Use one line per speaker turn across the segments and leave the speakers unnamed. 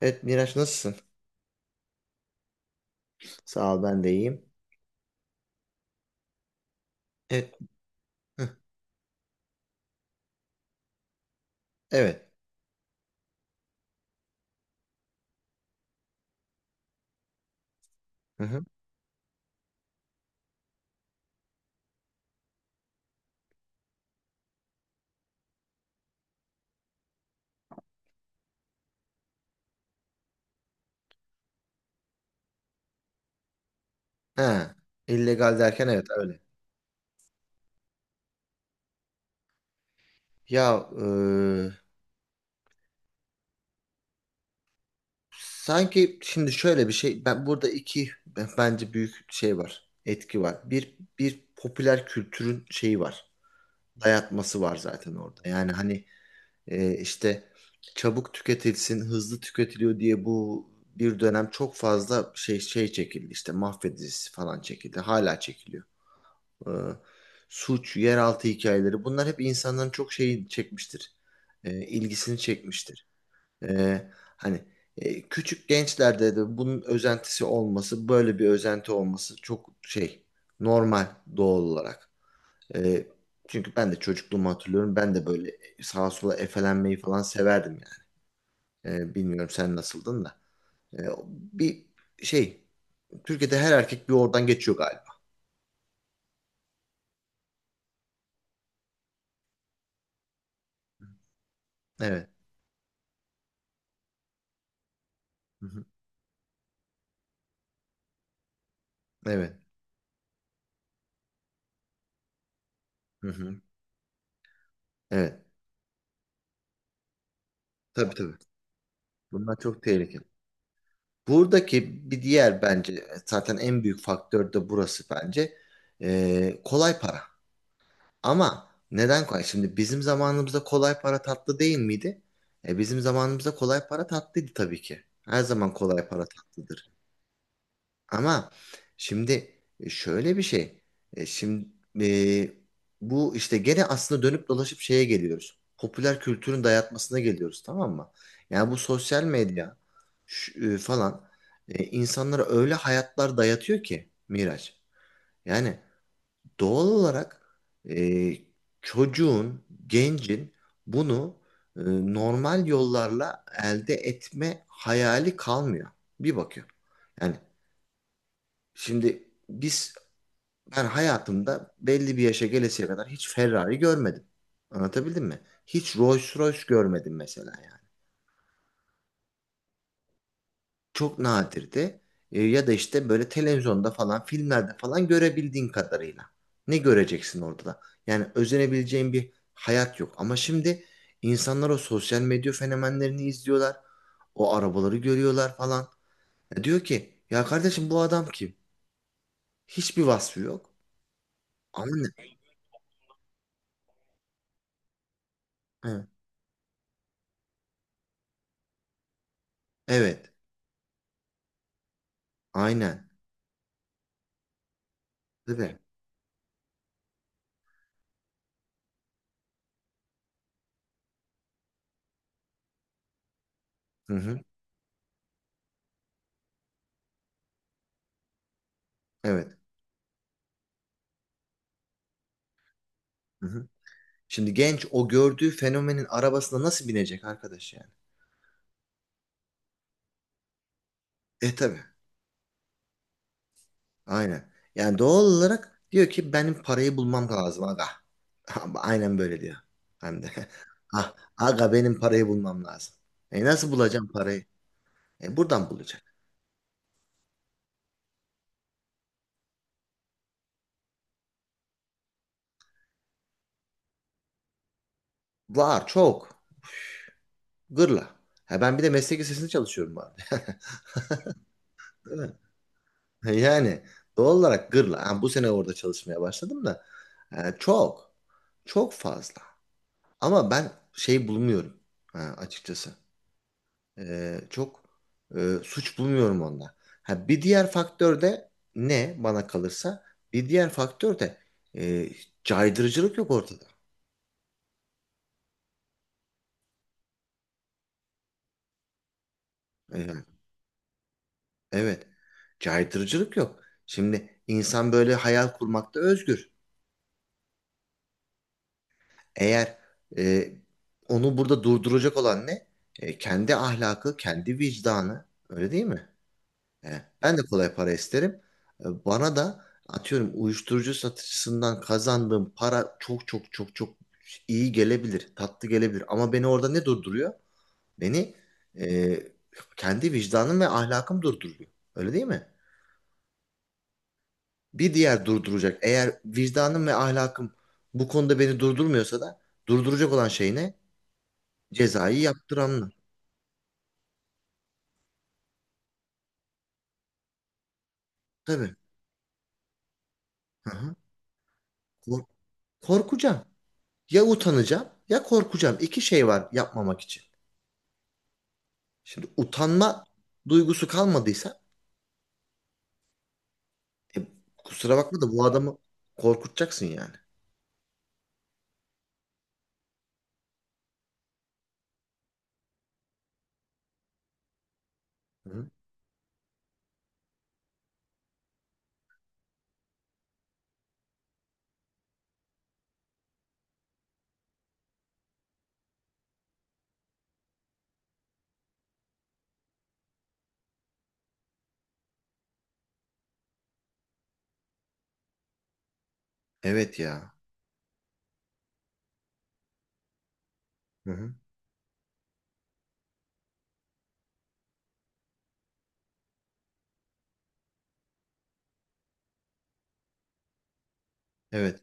Evet Miraç, nasılsın? Sağ ol, ben de iyiyim. Evet. Hı, evet. Hı hı. Ha, illegal derken, evet öyle. Ya e, Sanki şimdi şöyle bir şey, ben burada bence büyük şey var. Etki var. Bir popüler kültürün şeyi var. Dayatması var zaten orada. Yani hani işte çabuk tüketilsin, hızlı tüketiliyor diye bu bir dönem çok fazla şey çekildi. İşte mahvedicisi falan çekildi. Hala çekiliyor. e, Suç, yeraltı hikayeleri, bunlar hep insanların çok şeyi çekmiştir. E, ilgisini çekmiştir. E, hani küçük gençlerde de bunun özentisi olması, böyle bir özenti olması çok şey, normal, doğal olarak. E, çünkü ben de çocukluğumu hatırlıyorum. Ben de böyle sağa sola efelenmeyi falan severdim yani. E, bilmiyorum sen nasıldın da. E, bir şey, Türkiye'de her erkek bir oradan geçiyor galiba. Evet. Hı hı. Evet. Hı hı. Evet. Tabii, tabii. Bunlar çok tehlikeli. Buradaki bir diğer bence zaten en büyük faktör de burası bence. Kolay para. Ama neden kolay? Şimdi bizim zamanımızda kolay para tatlı değil miydi? E, bizim zamanımızda kolay para tatlıydı tabii ki. Her zaman kolay para tatlıdır. Ama şimdi şöyle bir şey. Şimdi e, bu işte gene aslında dönüp dolaşıp şeye geliyoruz. Popüler kültürün dayatmasına geliyoruz, tamam mı? Yani bu sosyal medya falan, insanlara öyle hayatlar dayatıyor ki Miraç. Yani doğal olarak, e, çocuğun, gencin bunu e, normal yollarla elde etme hayali kalmıyor. Bir bakıyor. Yani şimdi biz, ben hayatımda belli bir yaşa gelesiye kadar hiç Ferrari görmedim. Anlatabildim mi? Hiç Rolls Royce görmedim mesela yani. Çok nadirdi. E, ya da işte böyle televizyonda falan, filmlerde falan görebildiğin kadarıyla. Ne göreceksin orada da? Yani özenebileceğin bir hayat yok. Ama şimdi insanlar o sosyal medya fenomenlerini izliyorlar. O arabaları görüyorlar falan. Ya diyor ki ya kardeşim, bu adam kim? Hiçbir vasfı yok. Ama ne? Hı, evet. Aynen. Değil mi? Hı hı. Evet. Hı hı. Şimdi genç o gördüğü fenomenin arabasına nasıl binecek arkadaş yani? E tabii. Aynen. Yani doğal olarak diyor ki benim parayı bulmam lazım aga. Aynen böyle diyor. Hem de. Ah, aga benim parayı bulmam lazım. E nasıl bulacağım parayı? E buradan bulacak. Var çok. Gırla. Ha, ben bir de meslek lisesinde çalışıyorum bu arada. Yani doğal olarak gırla. Ha, bu sene orada çalışmaya başladım da e, çok çok fazla. Ama ben şey bulmuyorum ha, açıkçası. Çok suç bulmuyorum onda. Ha, bir diğer faktör de ne bana kalırsa, bir diğer faktör de e, caydırıcılık yok ortada. E, evet, caydırıcılık yok. Şimdi insan böyle hayal kurmakta özgür. Eğer, e, onu burada durduracak olan ne? E, kendi ahlakı, kendi vicdanı. Öyle değil mi? E, ben de kolay para isterim. E, bana da atıyorum uyuşturucu satıcısından kazandığım para çok çok çok çok iyi gelebilir, tatlı gelebilir. Ama beni orada ne durduruyor? Beni e, kendi vicdanım ve ahlakım durduruyor. Öyle değil mi? Bir diğer durduracak. Eğer vicdanım ve ahlakım bu konuda beni durdurmuyorsa da durduracak olan şey ne? Cezayı yaptıranlar. Tabii. Hı hı. Kork- Korkacağım. Ya utanacağım, ya korkacağım. İki şey var yapmamak için. Şimdi utanma duygusu kalmadıysa, e, kusura bakma da bu adamı korkutacaksın yani. Hı. Evet ya. Hı hı. Evet.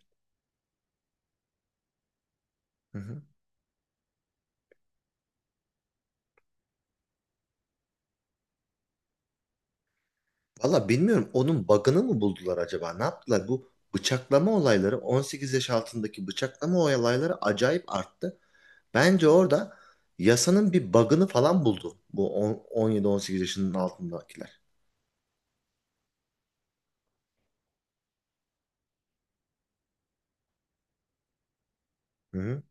Hı hı. Valla bilmiyorum, onun bug'ını mı buldular acaba? Ne yaptılar? Bu bıçaklama olayları, 18 yaş altındaki bıçaklama olayları acayip arttı. Bence orada yasanın bir bug'ını falan buldu. Bu 17-18 yaşının altındakiler. Hı hı.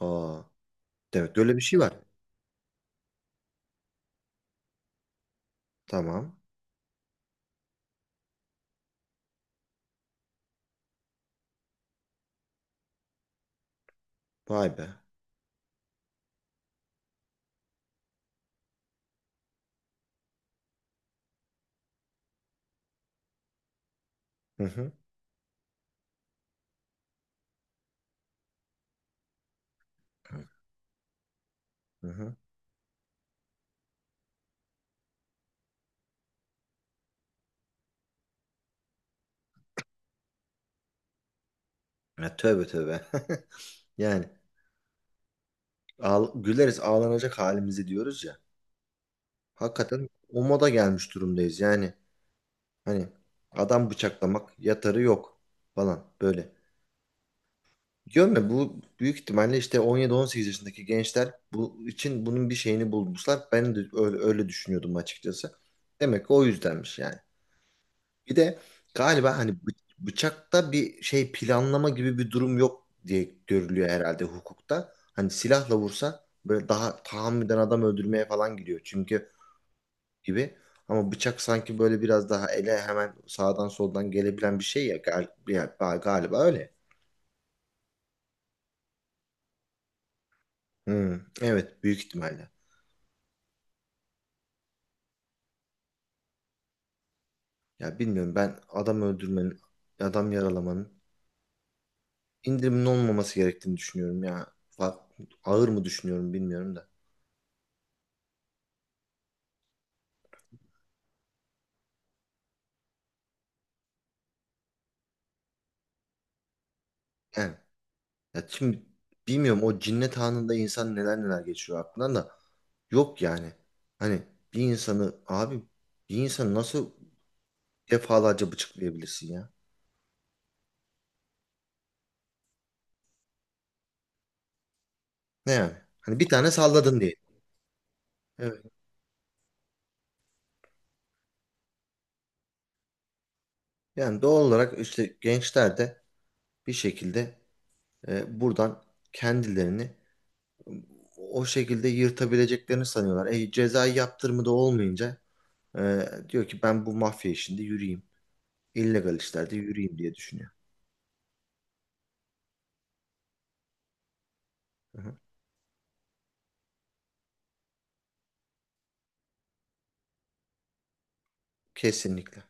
Aa, evet, böyle bir şey var. Tamam. Vay be. Hı hı. Hı hı. Ya, tövbe tövbe. Yani güleriz ağlanacak halimizi diyoruz ya. Hakikaten o moda gelmiş durumdayız. Yani hani adam bıçaklamak yatarı yok falan böyle. Diyorum ya, bu büyük ihtimalle işte on yedi on sekiz yaşındaki gençler bu için bunun bir şeyini bulmuşlar. Ben de öyle düşünüyordum açıkçası. Demek ki o yüzdenmiş yani. Bir de galiba hani bıçakta bir şey planlama gibi bir durum yok diye görülüyor herhalde hukukta. Hani silahla vursa böyle daha tahammüden adam öldürmeye falan gidiyor çünkü, gibi. Ama bıçak sanki böyle biraz daha ele hemen sağdan soldan gelebilen bir şey ya, galiba öyle. Hmm, evet büyük ihtimalle. Ya bilmiyorum, ben adam öldürmenin, adam yaralamanın indirimin olmaması gerektiğini düşünüyorum ya. Fa- Ağır mı düşünüyorum bilmiyorum da. Yani ya şimdi bilmiyorum, o cinnet anında insan neler neler geçiyor aklından da, yok yani. Hani bir insanı abi, bir insanı nasıl defalarca bıçaklayabilirsin ya? Ne yani? Hani bir tane salladın diye. Evet. Yani doğal olarak işte gençler de bir şekilde buradan kendilerini o şekilde yırtabileceklerini sanıyorlar. E, cezai yaptırımı da olmayınca, diyor ki ben bu mafya işinde yürüyeyim. İllegal işlerde yürüyeyim diye düşünüyor. Hı hı. Kesinlikle.